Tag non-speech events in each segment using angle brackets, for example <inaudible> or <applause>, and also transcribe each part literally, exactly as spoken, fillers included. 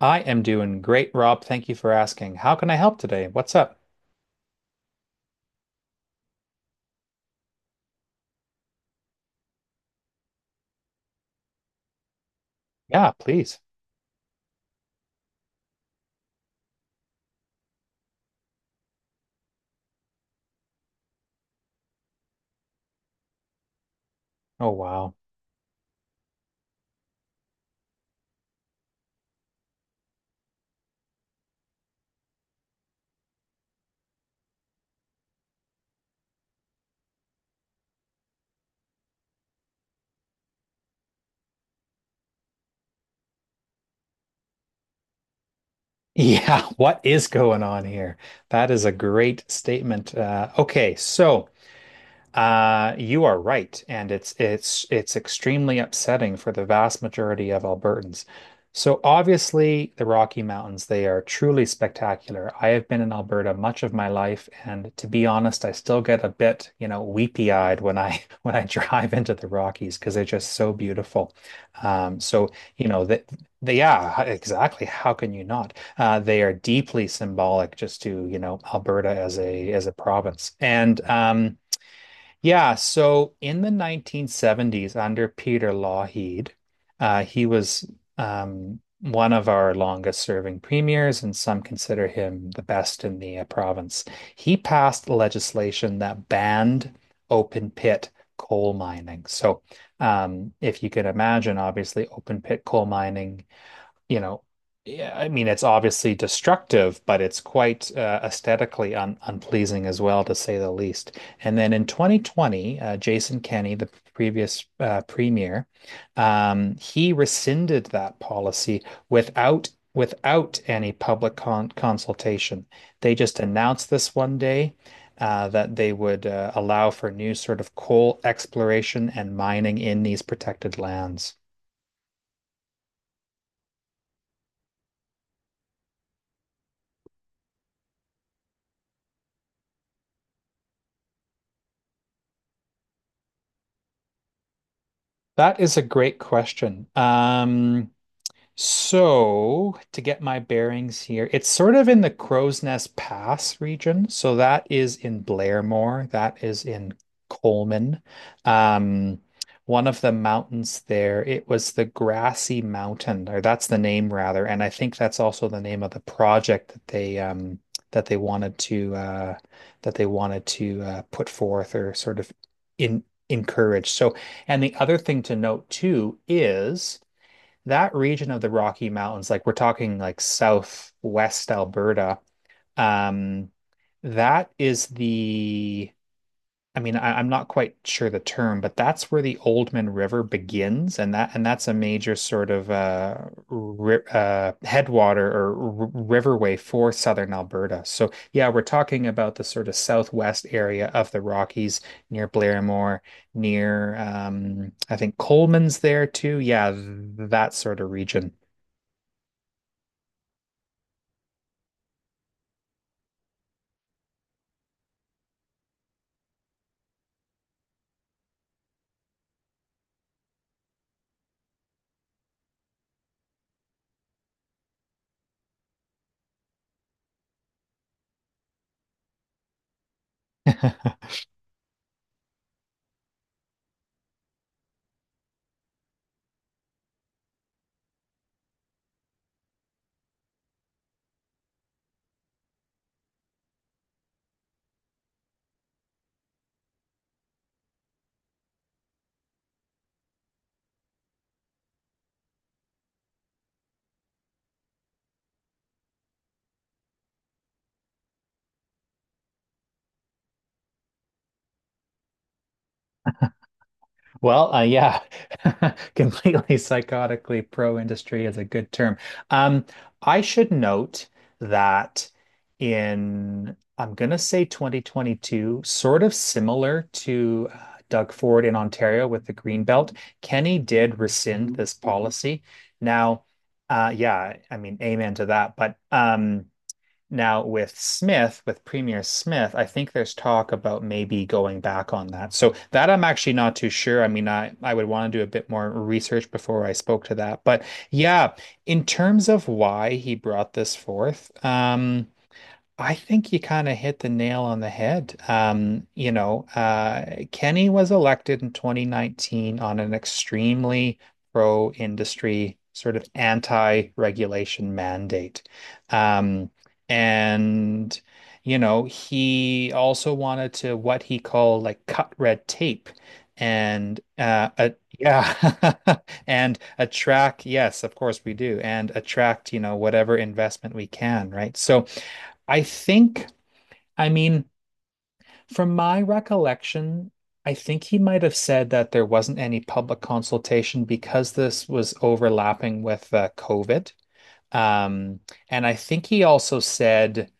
I am doing great, Rob. Thank you for asking. How can I help today? What's up? Yeah, please. Oh, wow. Yeah, <laughs> what is going on here? That is a great statement. Uh, okay, so. Uh, You are right, and it's it's it's extremely upsetting for the vast majority of Albertans. So obviously, the Rocky Mountains, they are truly spectacular. I have been in Alberta much of my life, and to be honest, I still get a bit, you know, weepy-eyed when I <laughs> when I drive into the Rockies because they're just so beautiful. Um, so you know that they, yeah, h- exactly. How can you not? Uh, they are deeply symbolic just to, you know, Alberta as a as a province. And um Yeah, so in the nineteen seventies, under Peter Lougheed, uh, he was um, one of our longest serving premiers, and some consider him the best in the uh, province. He passed legislation that banned open pit coal mining. So, um, if you can imagine, obviously, open pit coal mining, you know, yeah, I mean, it's obviously destructive, but it's quite uh, aesthetically un unpleasing as well, to say the least. And then in twenty twenty, uh, Jason Kenney, the previous uh, premier, um, he rescinded that policy without without any public con consultation. They just announced this one day. Uh, that they would uh, allow for new sort of coal exploration and mining in these protected lands. That is a great question. Um, so, to get my bearings here, it's sort of in the Crow's Nest Pass region. So that is in Blairmore, that is in Coleman. Um, One of the mountains there, it was the Grassy Mountain, or that's the name rather, and I think that's also the name of the project that they um that they wanted to uh that they wanted to uh put forth or sort of in encourage. So, and the other thing to note too is that region of the Rocky Mountains, like we're talking like southwest Alberta, um, that is the, I mean, I, I'm not quite sure the term, but that's where the Oldman River begins, and that and that's a major sort of uh, ri uh, headwater or r riverway for southern Alberta. So yeah, we're talking about the sort of southwest area of the Rockies near Blairmore, near um, I think Coleman's there too. Yeah, th- that sort of region. <laughs> Well, uh, yeah, <laughs> completely psychotically pro-industry is a good term. Um, I should note that in, I'm going to say twenty twenty-two, sort of similar to uh, Doug Ford in Ontario with the Green Belt, Kenny did rescind this policy. Now, uh, yeah, I mean, amen to that. But um, Now, with Smith, with Premier Smith, I think there's talk about maybe going back on that. So that I'm actually not too sure. I mean, I, I would want to do a bit more research before I spoke to that. But yeah, in terms of why he brought this forth, um, I think you kind of hit the nail on the head. Um, you know, uh, Kenny was elected in twenty nineteen on an extremely pro-industry, sort of anti-regulation mandate. Um, and, you know, he also wanted to what he called like cut red tape and, uh, a, yeah, <laughs> and attract, yes, of course we do, and attract, you know, whatever investment we can, right? So, I think, I mean, from my recollection, I think he might have said that there wasn't any public consultation because this was overlapping with uh, COVID. Um, and I think he also said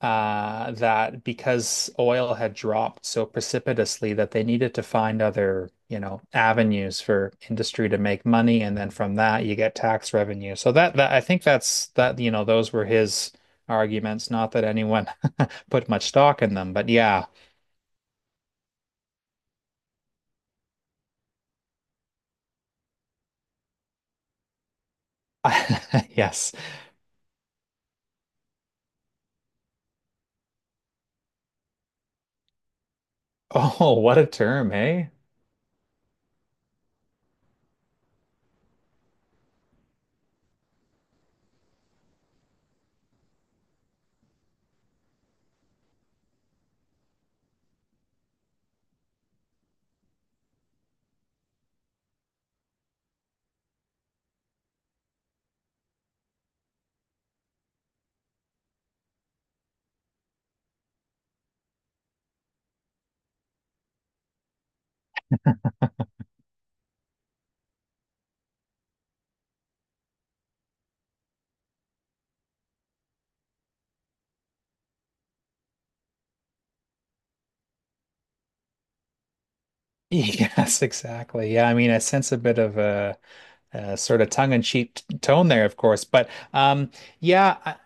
uh, that because oil had dropped so precipitously that they needed to find other, you know, avenues for industry to make money, and then from that you get tax revenue. So that, that I think that's that, you know, those were his arguments, not that anyone put much stock in them, but yeah. <laughs> Yes. Oh, what a term, hey? <laughs> Yes, exactly. Yeah, I mean, I sense a bit of a, a sort of tongue-in-cheek tone there, of course, but um, yeah, I,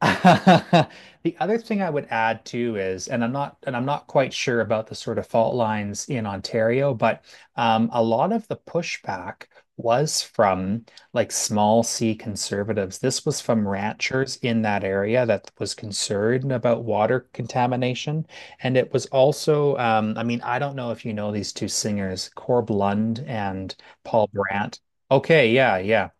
<laughs> the other thing I would add too is, and I'm not, and I'm not quite sure about the sort of fault lines in Ontario, but um, a lot of the pushback was from like small C conservatives. This was from ranchers in that area that was concerned about water contamination, and it was also, um, I mean, I don't know if you know these two singers, Corb Lund and Paul Brandt. Okay, yeah, yeah.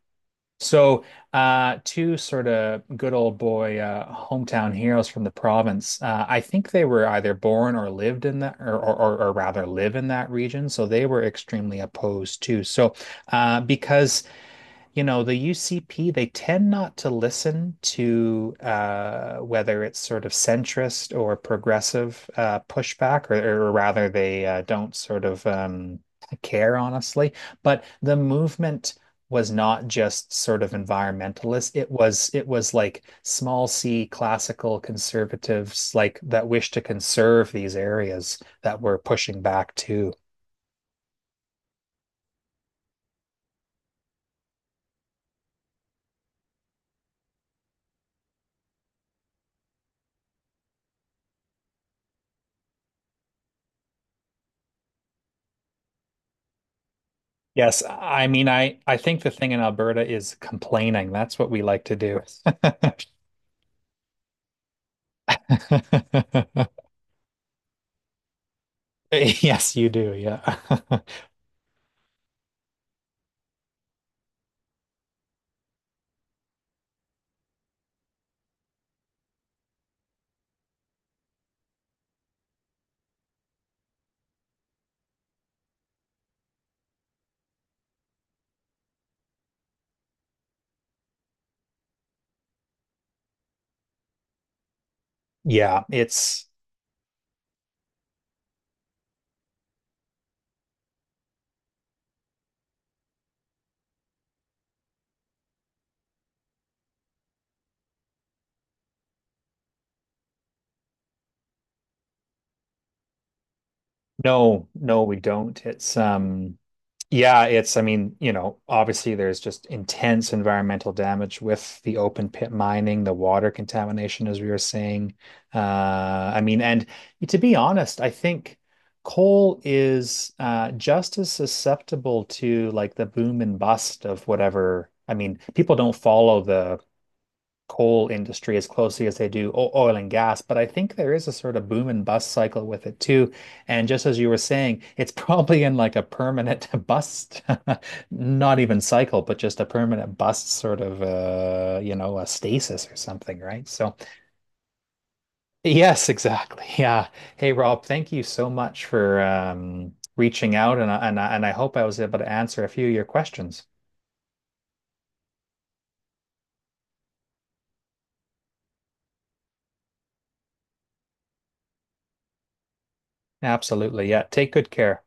So, uh, two sort of good old boy uh, hometown heroes from the province. Uh, I think they were either born or lived in that, or, or, or or rather live in that region. So they were extremely opposed too. So, uh, because you know, the U C P, they tend not to listen to uh, whether it's sort of centrist or progressive uh, pushback, or, or rather, they uh, don't sort of um, care, honestly. But the movement was not just sort of environmentalist. It was it was like small C classical conservatives like that wish to conserve these areas that were pushing back too. Yes, I mean, I I think the thing in Alberta is complaining. That's what we like to do. <laughs> Yes, you do. Yeah. <laughs> Yeah, it's no, no, we don't. It's um Yeah, it's, I mean, you know, obviously there's just intense environmental damage with the open pit mining, the water contamination, as we were saying. Uh, I mean, and to be honest, I think coal is uh, just as susceptible to like the boom and bust of whatever. I mean, people don't follow the coal industry as closely as they do oil and gas, but I think there is a sort of boom and bust cycle with it too. And just as you were saying, it's <laughs> probably in like a permanent bust, <laughs> not even cycle, but just a permanent bust sort of uh, you know, a stasis or something, right? So yes, <laughs> exactly. Yeah. Hey Rob, thank you so much for um reaching out and and and I hope I was able to answer a few of your questions. Absolutely. Yeah. Take good care.